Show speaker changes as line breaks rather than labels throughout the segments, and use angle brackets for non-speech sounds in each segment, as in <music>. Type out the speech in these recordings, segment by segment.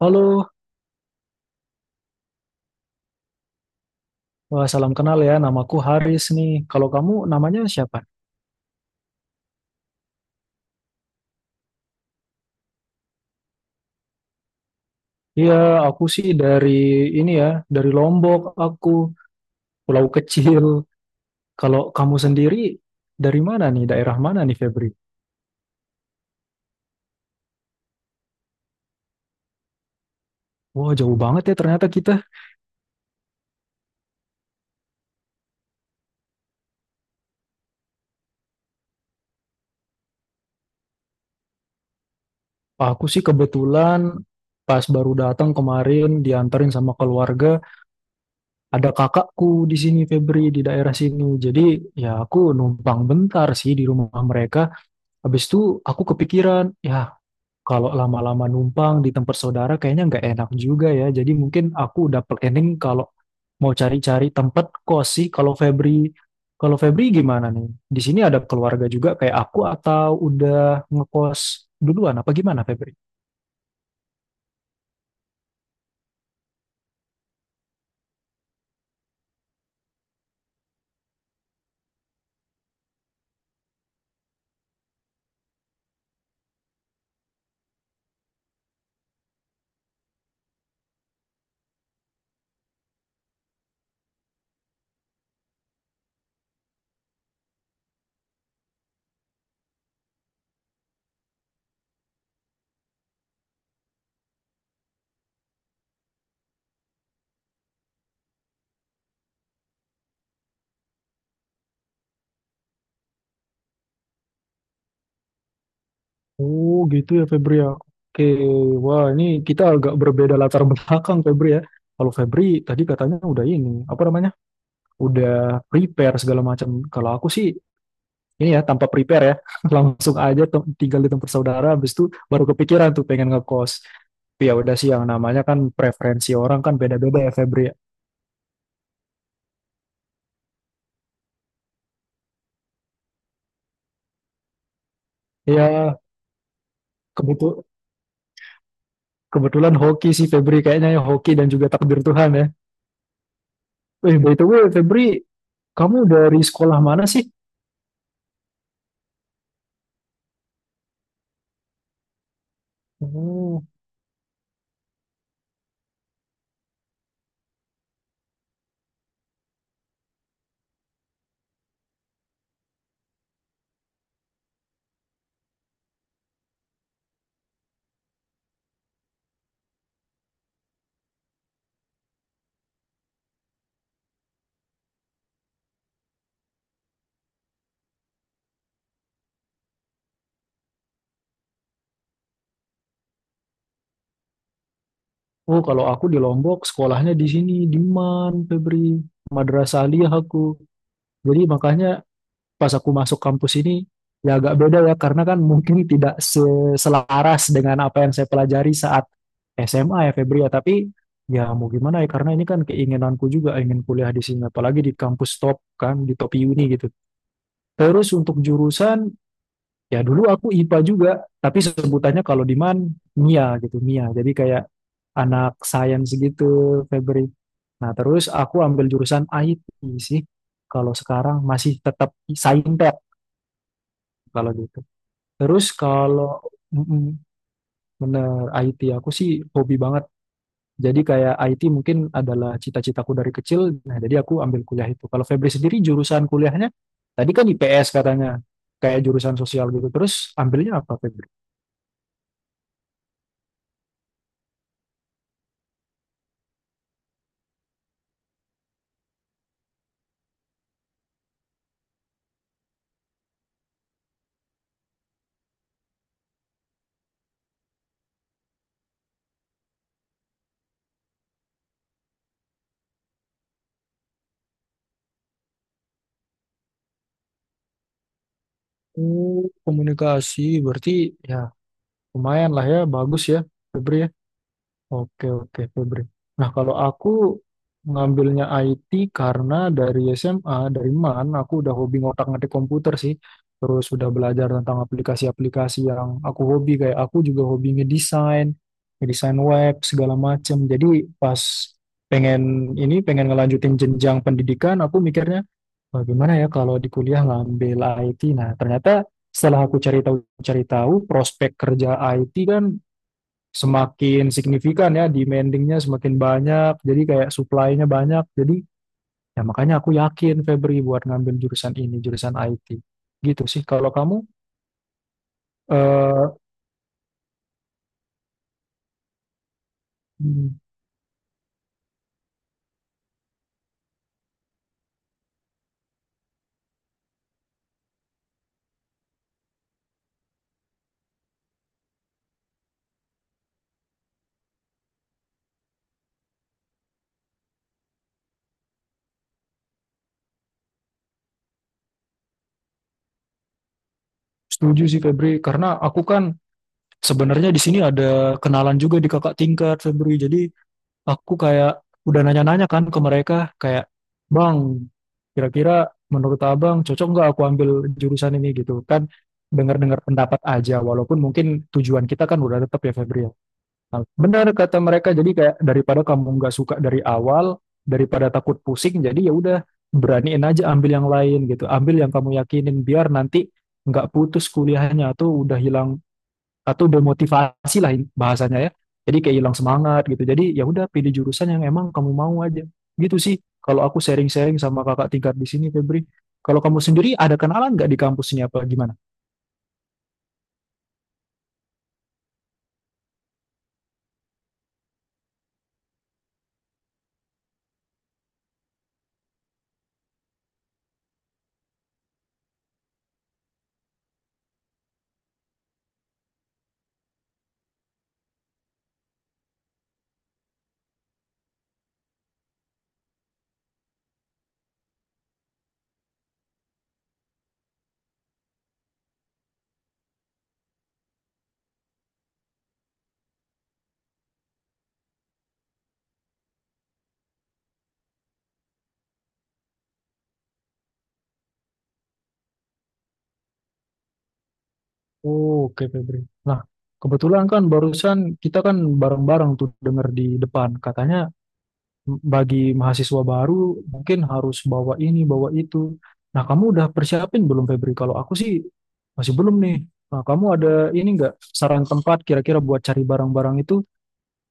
Halo. Wah, salam kenal ya. Namaku Haris nih. Kalau kamu namanya siapa? Iya, aku sih dari ini ya, dari Lombok aku, pulau kecil. Kalau kamu sendiri dari mana nih? Daerah mana nih, Febri? Wah, jauh banget ya ternyata kita. Aku sih kebetulan pas baru datang kemarin dianterin sama keluarga, ada kakakku di sini, Febri, di daerah sini. Jadi, ya aku numpang bentar sih di rumah mereka. Habis itu aku kepikiran, ya, kalau lama-lama numpang di tempat saudara kayaknya nggak enak juga ya. Jadi mungkin aku udah planning kalau mau cari-cari tempat kos sih. Kalau Febri, gimana nih? Di sini ada keluarga juga kayak aku atau udah ngekos duluan apa gimana, Febri? Oh gitu ya, Febri, ya. Oke, wah, ini kita agak berbeda latar belakang, Febri, ya. Kalau Febri tadi katanya udah ini, apa namanya? Udah prepare segala macam. Kalau aku sih ini ya tanpa prepare ya <laughs> langsung aja tinggal di tempat saudara, habis itu baru kepikiran tuh pengen ngekos, tapi ya udah sih yang namanya kan preferensi orang kan beda-beda ya, Febri, ya. Ya, kebetu- kebetulan hoki sih Febri kayaknya, ya hoki dan juga takdir Tuhan ya. By the way, Febri, kamu dari sekolah mana sih? Oh oh kalau aku di Lombok sekolahnya di sini, di MAN, Febri. Madrasah Aliyah aku, jadi makanya pas aku masuk kampus ini ya agak beda ya karena kan mungkin tidak selaras dengan apa yang saya pelajari saat SMA ya, Febri, ya. Tapi ya mau gimana ya, karena ini kan keinginanku juga ingin kuliah di sini, apalagi di kampus top kan, di top uni gitu. Terus untuk jurusan, ya dulu aku IPA juga, tapi sebutannya kalau di MAN MIA gitu, MIA, jadi kayak anak sains gitu Febri. Nah terus aku ambil jurusan IT sih kalau sekarang, masih tetap saintek kalau gitu. Terus kalau mm-mm, bener IT aku sih hobi banget. Jadi kayak IT mungkin adalah cita-citaku dari kecil. Nah, jadi aku ambil kuliah itu. Kalau Febri sendiri jurusan kuliahnya tadi kan IPS katanya. Kayak jurusan sosial gitu. Terus ambilnya apa, Febri? Oh, komunikasi. Berarti ya lumayan lah ya, bagus ya Febri ya. Oke, oke, Febri. Nah, kalau aku ngambilnya IT karena dari SMA, dari MAN, aku udah hobi ngotak-ngatik komputer sih. Terus udah belajar tentang aplikasi-aplikasi yang aku hobi. Kayak aku juga hobi ngedesain, ngedesain web, segala macem. Jadi pas pengen ini, pengen ngelanjutin jenjang pendidikan, aku mikirnya, "Wah, gimana ya kalau di kuliah ngambil IT?" Nah, ternyata setelah aku cari tahu-cari tahu, prospek kerja IT kan semakin signifikan ya, demandingnya semakin banyak, jadi kayak supply-nya banyak. Jadi ya makanya aku yakin Febri buat ngambil jurusan ini, jurusan IT. Gitu sih. Kalau kamu eh, setuju sih Febri, karena aku kan sebenarnya di sini ada kenalan juga di kakak tingkat Febri. Jadi aku kayak udah nanya-nanya kan ke mereka kayak, "Bang, kira-kira menurut abang cocok nggak aku ambil jurusan ini gitu kan?" Dengar-dengar pendapat aja walaupun mungkin tujuan kita kan udah tetap ya Febri ya. Nah, benar kata mereka, jadi kayak daripada kamu nggak suka dari awal, daripada takut pusing, jadi ya udah beraniin aja ambil yang lain gitu, ambil yang kamu yakinin biar nanti nggak putus kuliahnya atau udah hilang atau demotivasi lah ini bahasanya ya. Jadi kayak hilang semangat gitu. Jadi ya udah pilih jurusan yang emang kamu mau aja. Gitu sih. Kalau aku sharing-sharing sama kakak tingkat di sini, Febri. Kalau kamu sendiri ada kenalan nggak di kampus ini apa gimana? Oh, oke, Febri. Nah, kebetulan kan barusan kita kan bareng-bareng tuh denger di depan. Katanya bagi mahasiswa baru mungkin harus bawa ini, bawa itu. Nah, kamu udah persiapin belum Febri? Kalau aku sih masih belum nih. Nah, kamu ada ini nggak saran tempat kira-kira buat cari barang-barang itu?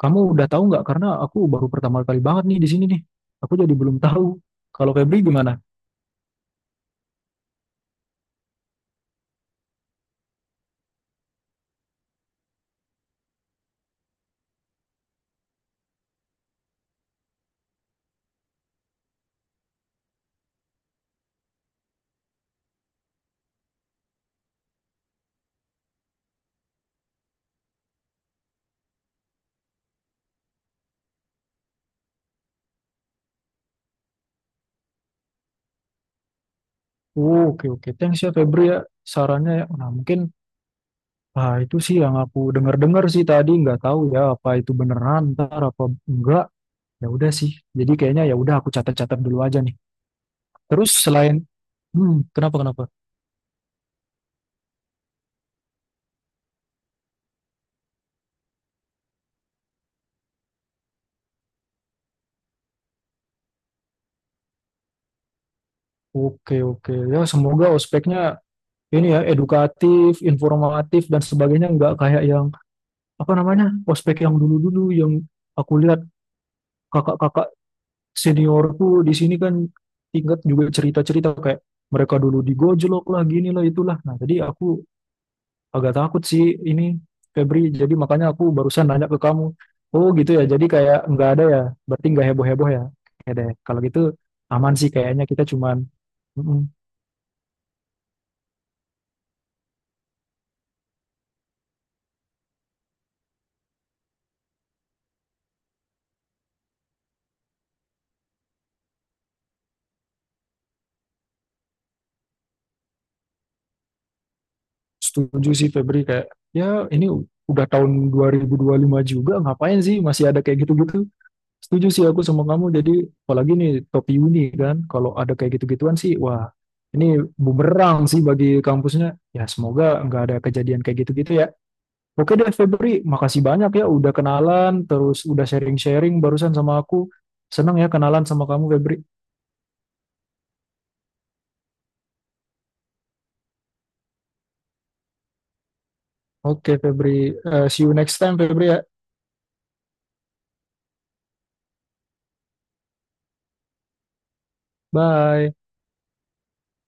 Kamu udah tahu nggak? Karena aku baru pertama kali banget nih di sini nih. Aku jadi belum tahu. Kalau Febri gimana? Oh, oke, oke. Thanks ya Febri ya sarannya, ya. Nah, mungkin itu sih yang aku dengar-dengar sih tadi. Nggak tahu ya apa itu beneran ntar apa enggak. Ya udah sih. Jadi kayaknya ya udah aku catat-catat dulu aja nih. Terus selain Kenapa, kenapa? Oke, oke, ya semoga ospeknya ini ya edukatif, informatif dan sebagainya, nggak kayak yang apa namanya ospek yang dulu-dulu yang aku lihat kakak-kakak seniorku di sini kan, ingat juga cerita-cerita kayak mereka dulu digojlok lah gini lah itulah. Nah jadi aku agak takut sih ini Febri. Jadi makanya aku barusan nanya ke kamu. Oh gitu ya. Jadi kayak nggak ada ya. Berarti nggak heboh-heboh ya. Oke deh. Kalau gitu aman sih kayaknya kita cuman mm, setuju sih Febri, kayak ya ini udah tahun 2025 juga ngapain sih masih ada kayak gitu-gitu. Setuju sih aku sama kamu. Jadi apalagi nih topi uni kan. Kalau ada kayak gitu-gituan sih wah ini bumerang sih bagi kampusnya. Ya semoga nggak ada kejadian kayak gitu-gitu ya. Oke deh Febri, makasih banyak ya udah kenalan, terus udah sharing-sharing barusan sama aku. Senang ya kenalan sama kamu Febri. Oke Febri. See you next time Febri ya. Bye.